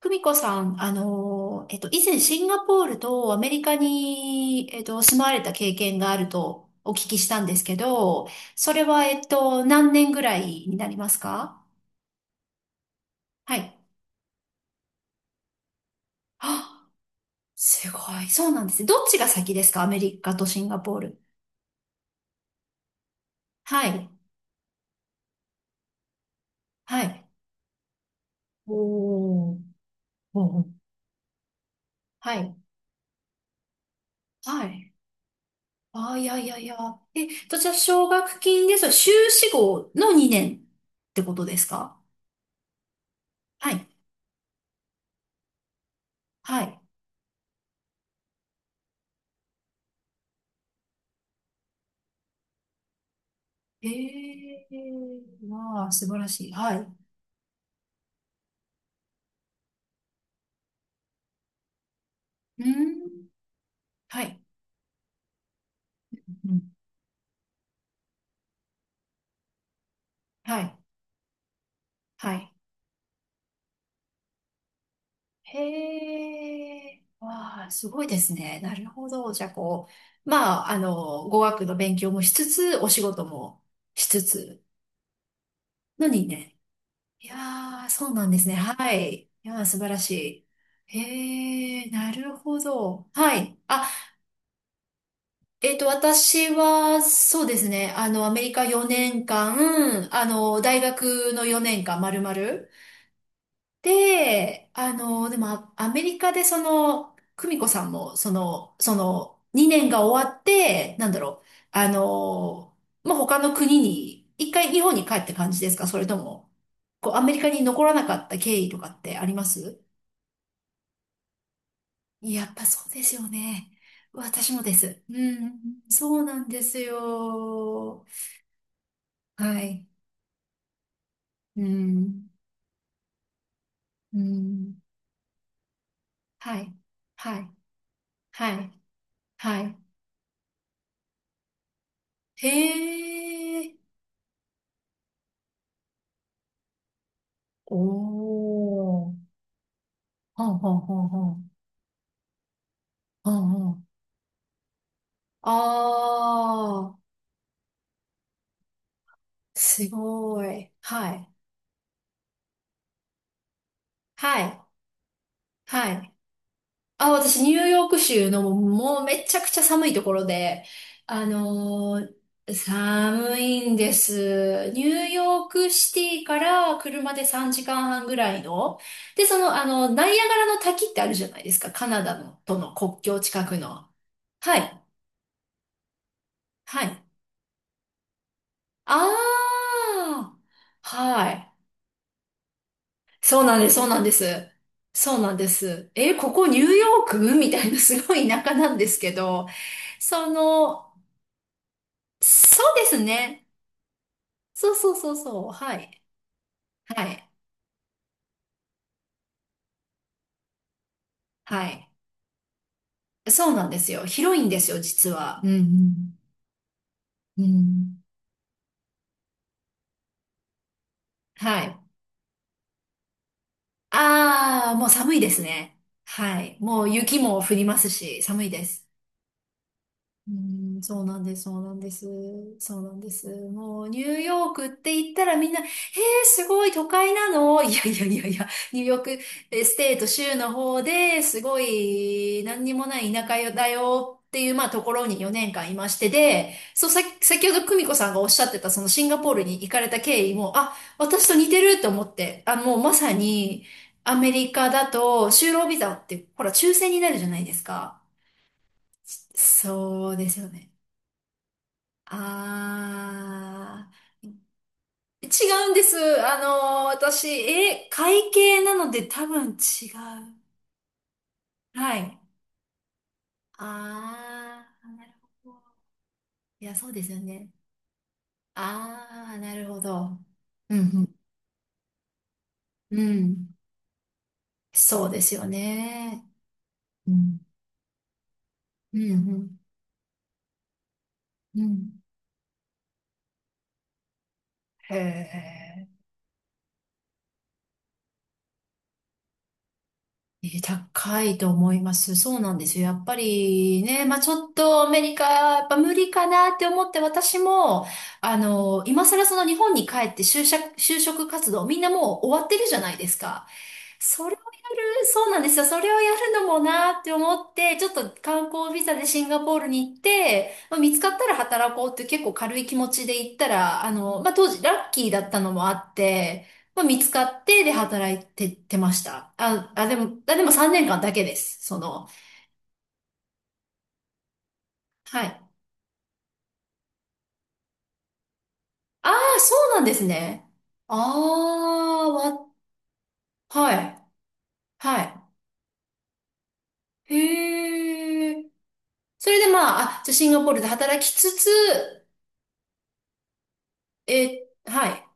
久美子さん、以前シンガポールとアメリカに、住まわれた経験があるとお聞きしたんですけど、それは、何年ぐらいになりますか？はい。あ、すごい。そうなんですね。どっちが先ですか、アメリカとシンガポール？はい。はい。おー。おー、はい。はい。あー、いやいやいや。え、どちら奨学金です？修士号の2年ってことですか？はい。はい。ええー、わあ、素晴らしい。はい。うん。はい。うん。はい。はい。へえ、わあ、すごいですね。なるほど。じゃあ、こう、まあ、語学の勉強もしつつ、お仕事もしつつ、のにね。いやー、そうなんですね。はい。いやー、素晴らしい。へえ、なるほど。はい。あ、私は、そうですね。あの、アメリカ4年間、あの、大学の4年間、丸々。で、あの、でも、アメリカでその、久美子さんも、その、2年が終わって、なんだろう、あの、まあ、他の国に、一回日本に帰って感じですか、それとも、こう、アメリカに残らなかった経緯とかってあります？やっぱそうですよね。私もです。うん、そうなんですよ。はい。うん。うん。はい。はい。はい。はい。へえ。おー。ほんほんほんほん。ほんほん。あー。すごい。はい。はい。はい。あ、私、ニューヨーク州のもうめちゃくちゃ寒いところで、あのー寒いんです。ニューヨークシティから車で3時間半ぐらいの。で、その、あの、ナイアガラの滝ってあるじゃないですか。カナダのとの国境近くの。はい。はい。ああ。はい。そうなんです。そうなんです。そうなんです。え、ここニューヨークみたいなすごい田舎なんですけど、その、そうですね。そうそうそうそう。はい。はい。はい。そうなんですよ。広いんですよ、実は。うん、うん。うん。はい。ああ、もう寒いですね。はい。もう雪も降りますし、寒いです。うん、そうなんです、そうなんです、そうなんです。もうニューヨークって言ったらみんな、えー、すごい都会なの、いやいやいやいや、ニューヨーク、え、ステート州の方ですごい何にもない田舎だよっていう、まあところに4年間いましてで、そうさ、先ほど久美子さんがおっしゃってたそのシンガポールに行かれた経緯も、あ、私と似てると思って、あ、もうまさにアメリカだと就労ビザってほら抽選になるじゃないですか。そうですよね。あー、違うんです。あの、私、え、会計なので多分違う。はい。あー、なるほど。いや、そうですよね。あー、なるほど。うん、うん、うん。そうですよね。うん、うん、うん。うん、へえ。えー、高いと思います。そうなんですよ。やっぱりね、まあちょっとアメリカ、やっぱ無理かなって思って私も、あの、今更その日本に帰って就職、就職活動、みんなもう終わってるじゃないですか。それをやる、そうなんですよ。それをやるのもなって思って、ちょっと観光ビザでシンガポールに行って、まあ、見つかったら働こうっていう結構軽い気持ちで行ったら、あの、まあ当時ラッキーだったのもあって、まあ、見つかって、で、働いて、てました。あ、あ、でも、あ、でも3年間だけです。その、はい。ああ、そうなんですね。ああ、わ、はい。はい。へえ。それでまあ、あ、じゃあシンガポールで働きつつ、え、はい。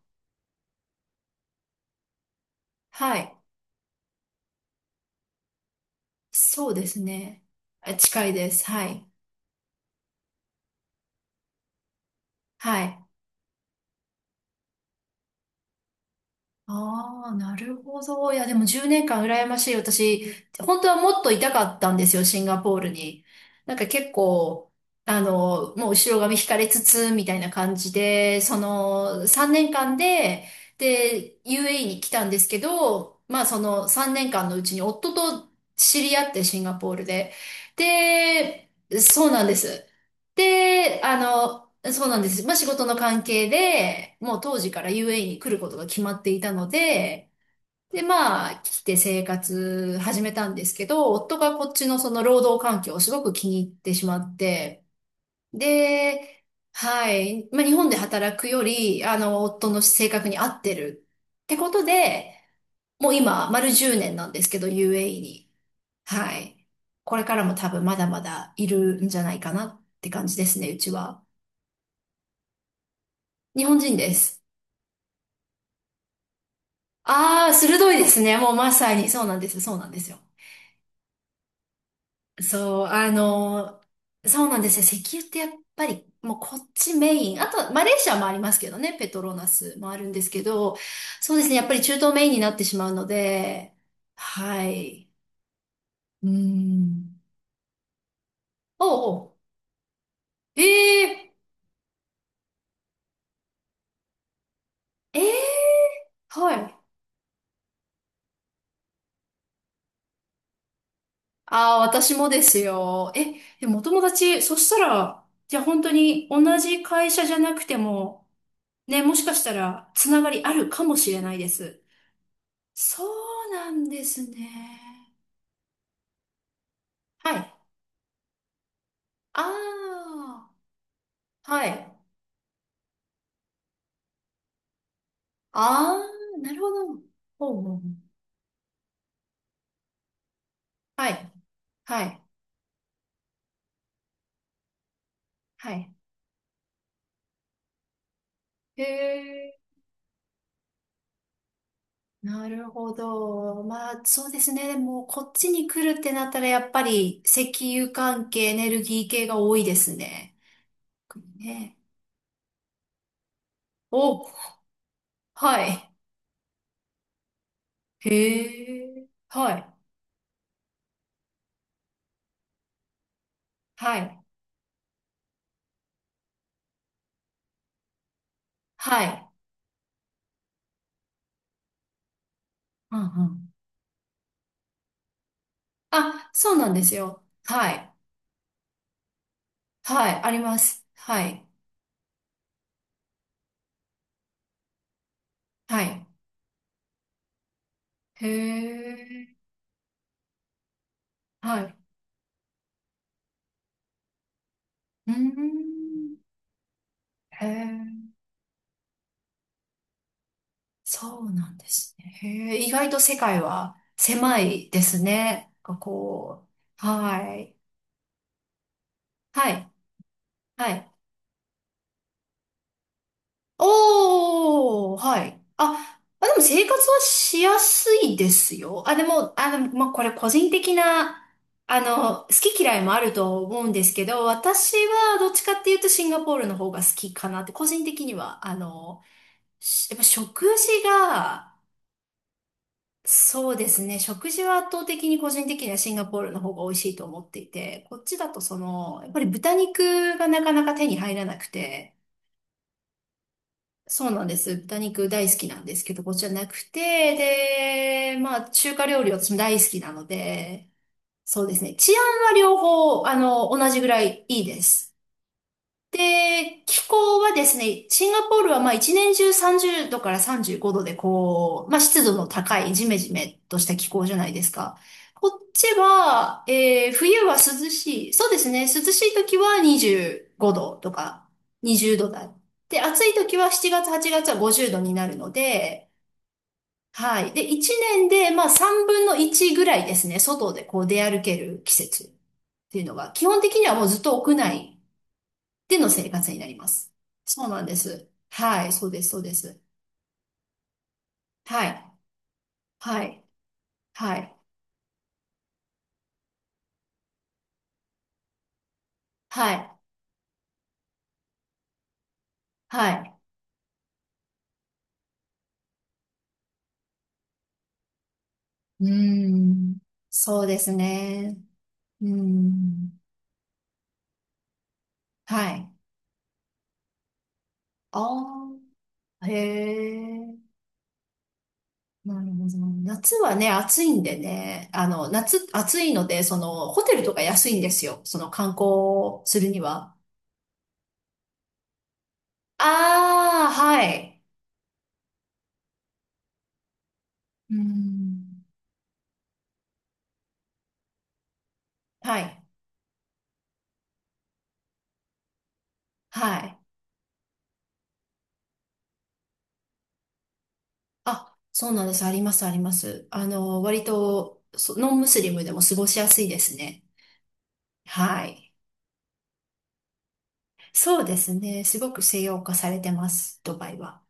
はい。そうですね。あ、近いです。はい。はい。ああ、なるほど。いや、でも10年間羨ましい。私、本当はもっといたかったんですよ、シンガポールに。なんか結構、あの、もう後ろ髪引かれつつ、みたいな感じで、その3年間で、で、UAE に来たんですけど、まあその3年間のうちに夫と知り合って、シンガポールで。で、そうなんです。で、あの、そうなんです。まあ、仕事の関係で、もう当時から UAE に来ることが決まっていたので、で、まあ、来て生活始めたんですけど、夫がこっちのその労働環境をすごく気に入ってしまって、で、はい、まあ、日本で働くより、あの、夫の性格に合ってるってことで、もう今、丸10年なんですけど、UAE に。はい。これからも多分まだまだいるんじゃないかなって感じですね、うちは。日本人です。ああ、鋭いですね。もうまさに。そうなんですよ。そう、そうなんですよ。石油ってやっぱり、もうこっちメイン。あと、マレーシアもありますけどね。ペトロナスもあるんですけど、そうですね。やっぱり中東メインになってしまうので、はい。うーん。おうおう。ええ、ええ、はい。ああ、私もですよ。え、でもお友達、そしたら、じゃあ本当に同じ会社じゃなくても、ね、もしかしたら、つながりあるかもしれないです。そうなんですね。はい。ああ、はい。ああ、なるほど。ほうほうほう。はい。はい。はい。へえ、なるほど。まあ、そうですね。でも、こっちに来るってなったら、やっぱり、石油関係、エネルギー系が多いですね。ね。お、はい。へえ、はい。はい。はい。うんうん、あ、そうなんですよ。はい。はい。あります。はい。はい。へえ。はい。うーん。へえ。そうなんですね。へえ。意外と世界は狭いですね。なんかこう。はい。はい。はい。おー、はい。あ、まあ、でも生活はしやすいですよ。あ、でも、あの、まあ、これ個人的な、あの、好き嫌いもあると思うんですけど、私はどっちかっていうとシンガポールの方が好きかなって、個人的には、あの、しやっぱ食事が、そうですね、食事は圧倒的に個人的にはシンガポールの方が美味しいと思っていて、こっちだとその、やっぱり豚肉がなかなか手に入らなくて、そうなんです。豚肉大好きなんですけど、こっちはなくて、で、まあ、中華料理は私も大好きなので、そうですね。治安は両方、あの、同じぐらいいいです。で、気候はですね、シンガポールはまあ一年中30度から35度でこう、まあ湿度の高いジメジメとした気候じゃないですか。こっちは、冬は涼しい。そうですね、涼しい時は25度とか20度だ。で、暑い時は7月、8月は50度になるので、はい。で、一年でまあ3分の1ぐらいですね、外でこう出歩ける季節っていうのが、基本的にはもうずっと屋内。での生活になります。そうなんです。はい、そうです。はい、はい、はい、はい、はい。うーん、そうですね。うーん、はい。ああ、へえ。なるほど。夏はね、暑いんでね、あの、夏、暑いので、その、ホテルとか安いんですよ。その観光するには。ああ、はい。うーん、はい、はい。あ、そうなんです。あります。あの、割と、そ、ノンムスリムでも過ごしやすいですね。はい。そうですね。すごく西洋化されてます、ドバイは。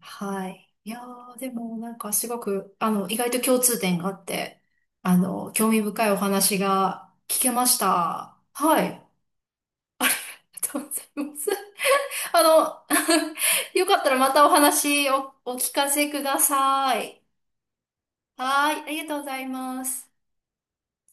はい。いやー、でもなんかすごく、あの、意外と共通点があって、あの、興味深いお話が聞けました。はい。ありがとうございます。あの、よかったらまたお話をお聞かせください。はい。ありがとうございます。